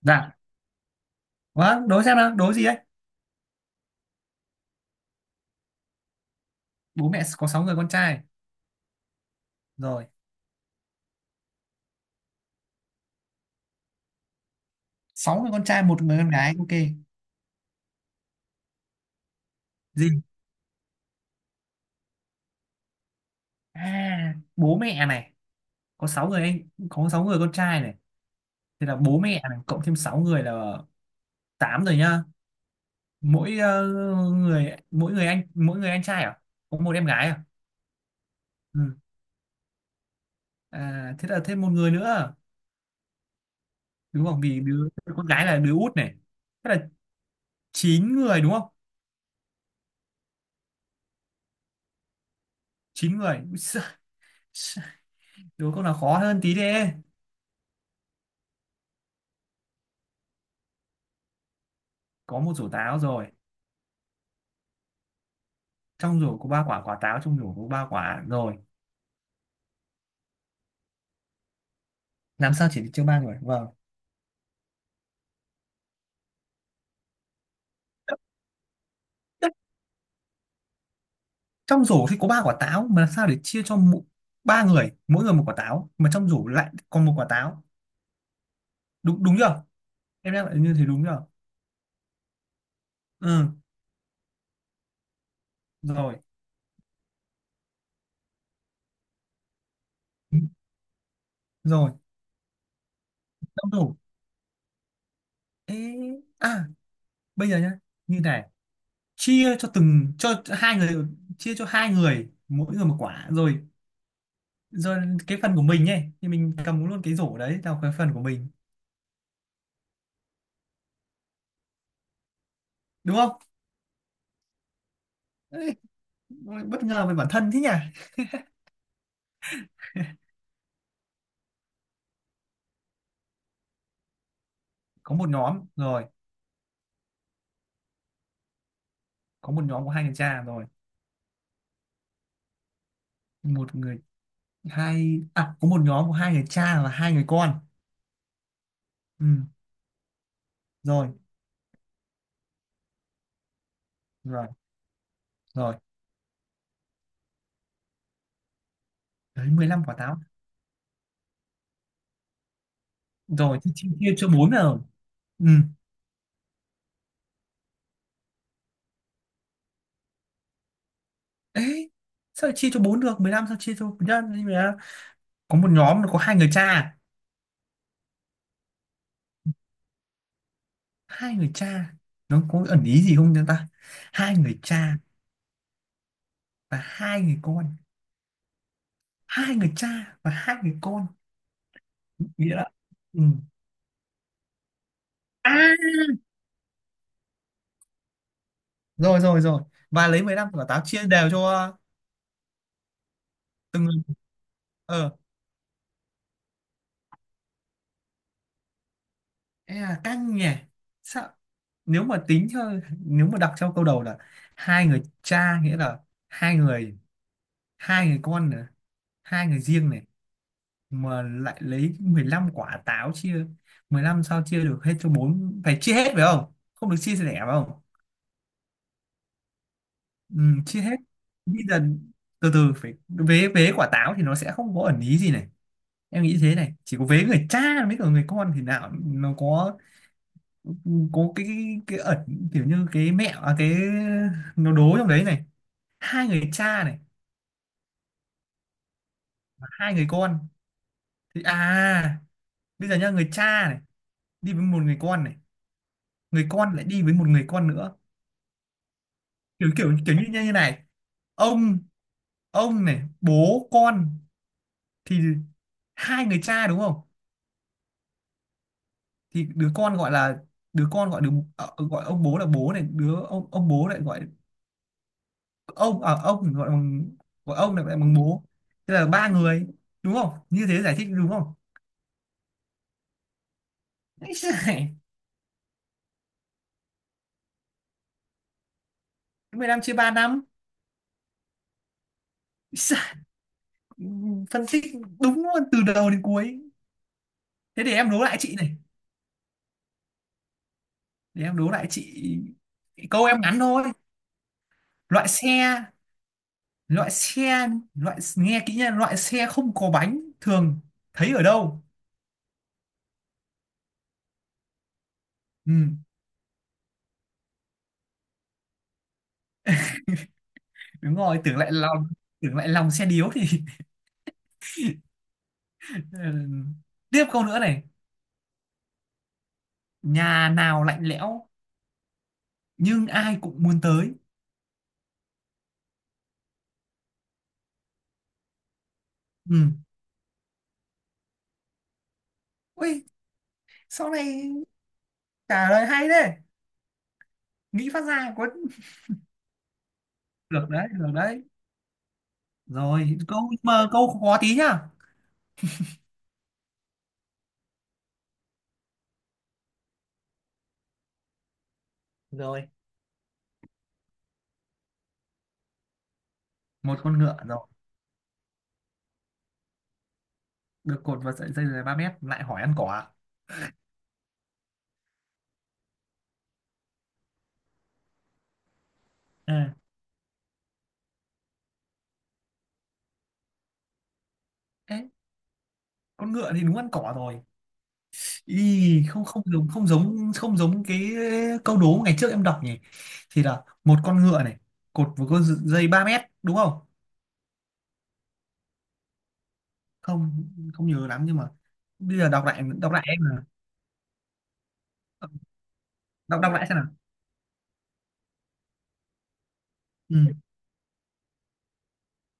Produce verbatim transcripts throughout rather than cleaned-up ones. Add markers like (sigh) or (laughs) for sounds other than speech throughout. Dạ, vâng, đố xem nào, đố gì đấy? Bố mẹ có sáu người con trai. Rồi, sáu người con trai, một người con gái, ok. Gì? À, bố mẹ này, có sáu người anh, có sáu người con trai này. Thì là bố mẹ này, cộng thêm sáu người là tám rồi nhá. Mỗi ờ, người mỗi người anh mỗi người anh trai à? Có một em gái à? Ừ. À, thế là thêm một người nữa. Đúng không? Vì đứa con gái là đứa út này. Thế là chín người đúng không? Chín người. Ui giời, đố câu nào khó hơn tí đi. Có một rổ táo rồi, trong rổ có ba quả, quả táo trong rổ có ba quả rồi làm sao chỉ được chia ba người, vâng, trong rổ thì có ba quả táo, mà làm sao để chia cho mỗi ba người, mỗi người một quả táo mà trong rổ lại còn một quả táo, đúng đúng chưa? Em đang lại như thế đúng chưa? Ừ, rồi rồi, trong rổ. Ê, à, bây giờ nhá, như này, chia cho từng cho hai người, chia cho hai người mỗi người một quả rồi, rồi cái phần của mình ấy thì mình cầm luôn cái rổ đấy là cái phần của mình, đúng không? Ôi, bất ngờ về bản thân thế nhỉ. Có một nhóm rồi, có một nhóm của hai người cha rồi, một người hai à có một nhóm của hai người cha và hai người con. Ừ. Rồi rồi rồi, đấy mười lăm quả táo rồi, thì chia, chia cho bốn rồi. Ừ. Ấy, sao chia cho bốn được mười lăm, sao chia cho nhân. Nhưng mà có một nhóm là có hai người cha, hai người cha, nó có ẩn ý gì không chúng ta? Hai người cha và hai người con, hai người cha và hai người con, nghĩa là, ừ. À, rồi rồi rồi, và lấy mười lăm quả táo chia đều cho từng người. Ờ, e là căng nhỉ. Sao, nếu mà tính theo, nếu mà đọc theo câu đầu là hai người cha, nghĩa là hai người, hai người con nữa, hai người riêng này, mà lại lấy mười lăm quả táo chia, mười lăm sao chia được hết cho bốn, phải chia hết phải không, không được chia sẻ phải không? Ừ, chia hết. Bây giờ, từ từ, phải vế, vế quả táo thì nó sẽ không có ẩn ý gì này, em nghĩ thế này, chỉ có vế người cha với cả người con thì nào nó có có cái cái ẩn kiểu như cái mẹ à, cái nó đố trong đấy này. Hai người cha này và hai người con thì à, bây giờ nhá, người cha này đi với một người con này, người con lại đi với một người con nữa, kiểu kiểu kiểu như như này, ông, ông này bố con thì hai người cha đúng không? Thì đứa con gọi là, đứa con gọi đứa, ờ, gọi ông bố là bố này, đứa, ông ông bố lại gọi ông, ở ông thì gọi bằng, gọi ông là gọi bằng bố. Thế là ba người đúng không, như thế giải thích đúng không? Ấy giời, mười năm chia ba năm. Ấy giời, phân tích đúng luôn từ đầu đến cuối. Thế để em đố lại chị này, để em đố lại chị, câu em ngắn thôi. loại xe loại xe Loại, nghe kỹ nha, loại xe không có bánh thường thấy ở đâu? Ừ, đúng rồi, tưởng lại lòng, tưởng lại lòng xe điếu thì (laughs) Ừ. Tiếp câu nữa này, nhà nào lạnh lẽo nhưng ai cũng muốn tới? Ừ. Ui, sau này trả lời hay đấy, nghĩ phát ra có. Được đấy, được đấy, rồi câu mà câu khó tí nhá. Rồi, một con ngựa rồi, được cột vào sợi dây dài ba mét, lại hỏi ăn cỏ. À, ê, con ngựa thì đúng ăn cỏ rồi. Ý, không không giống không giống không giống cái câu đố ngày trước em đọc nhỉ, thì là một con ngựa này cột vào con dây ba mét đúng không? Không không nhớ lắm, nhưng mà bây giờ đọc lại, đọc lại em là, đọc đọc lại xem nào. Ừ.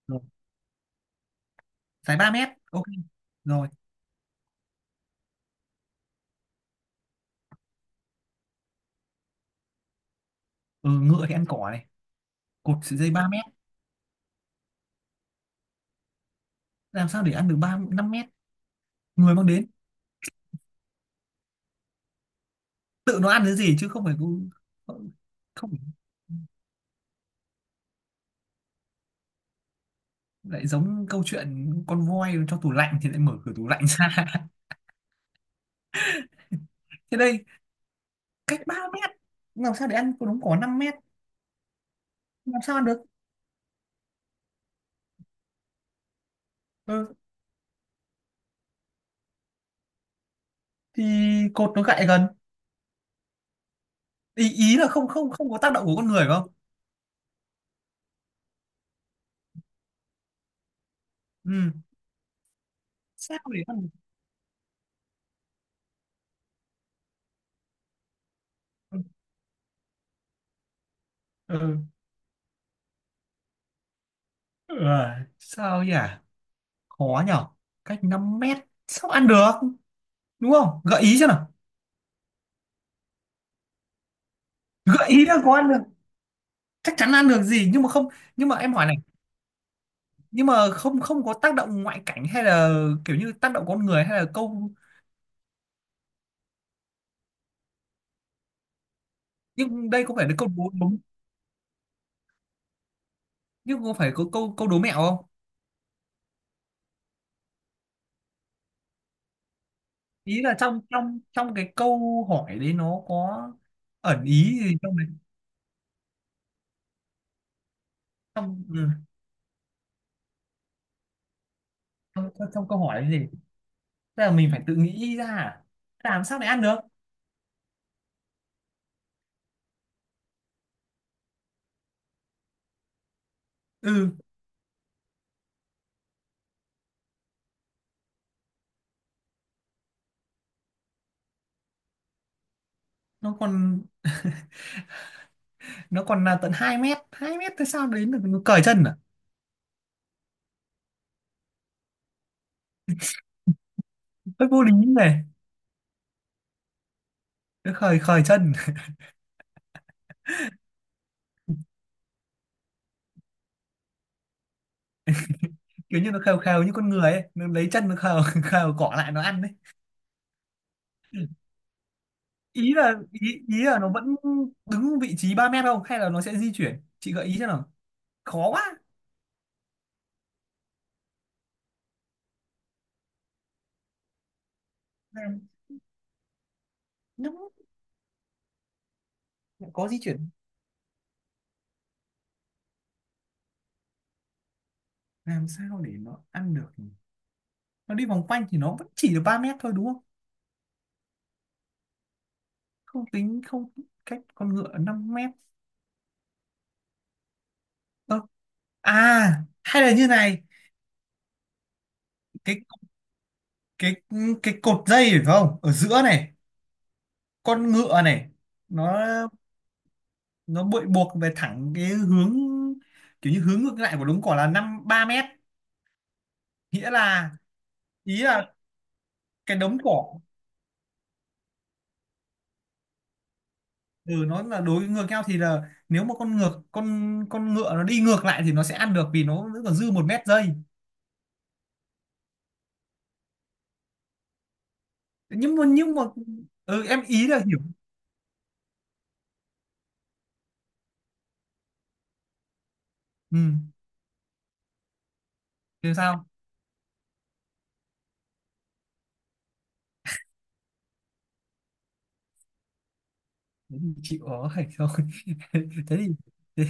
Rồi. Dài ba mét, ok. Rồi, ừ, ngựa thì ăn cỏ này, cột sợi dây ba mét, làm sao để ăn được ba năm mét? Người mang đến, tự nó ăn cái gì chứ không phải cứ- không phải- lại giống câu chuyện con voi cho tủ lạnh thì lại mở cửa tủ lạnh ra (laughs) thế đây, cách ba mét, làm sao để ăn con đống cỏ năm mét, làm sao ăn được? Ừ, thì cột nó gại gần, ý ý là không, không không có tác động của con người phải không? Ừ. Sao để ăn được? Ừ. Ừ. Ờ, sao nhỉ, khó nhở, cách năm mét sao ăn được, đúng không, gợi ý cho nào. Gợi ý là có ăn được, chắc chắn ăn được gì nhưng mà không. Nhưng mà em hỏi này, nhưng mà không, không có tác động ngoại cảnh hay là kiểu như tác động con người hay là câu, nhưng đây có phải là câu đố đúng, nhưng có phải có câu, câu đố mẹo không? Ý là trong trong trong cái câu hỏi đấy nó có ẩn ý gì trong đấy, trong ừ, trong, trong, trong câu hỏi đấy gì, tức là mình phải tự nghĩ ra à? Làm sao để ăn được? Ừ, nó còn, nó còn là tận hai mét, hai mét thế sao đến được, nó cởi chân à? Hơi vô lý này, nó khởi, khởi chân (laughs) kiểu như nó khều khều như con người ấy, nó lấy chân nó khều (laughs) khều cỏ lại nó ăn đấy. Ý là ý, ý là nó vẫn đứng vị trí ba mét không, hay là nó sẽ di chuyển, chị gợi ý cho nào, khó quá làm. Nó có di chuyển, làm sao để nó ăn được nhỉ? Nó đi vòng quanh thì nó vẫn chỉ được ba mét thôi đúng không? Không tính không, cách con ngựa năm mét. Ơ, à hay là như này, cái cái cái cột dây phải không ở giữa này, con ngựa này, nó nó bị buộc về thẳng cái hướng, kiểu như hướng ngược lại của đống cỏ là năm ba mét, nghĩa là, ý là cái đống cỏ, ừ, nó là đối ngược nhau thì là nếu mà con ngược con con ngựa nó đi ngược lại thì nó sẽ ăn được vì nó vẫn còn dư một mét dây. Nhưng mà nhưng mà, ừ, em ý là hiểu. Ừ, thế sao? Thế thì chịu ở thôi (laughs) thế thì, thế,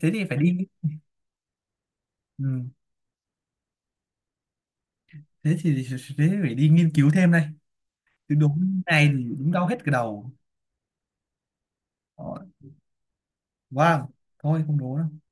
thế thì phải đi, ừ, thế thì, thế phải đi nghiên cứu thêm đây, cái đố này thì đúng đau hết cái đầu. Đó. Wow, thôi không đố đâu.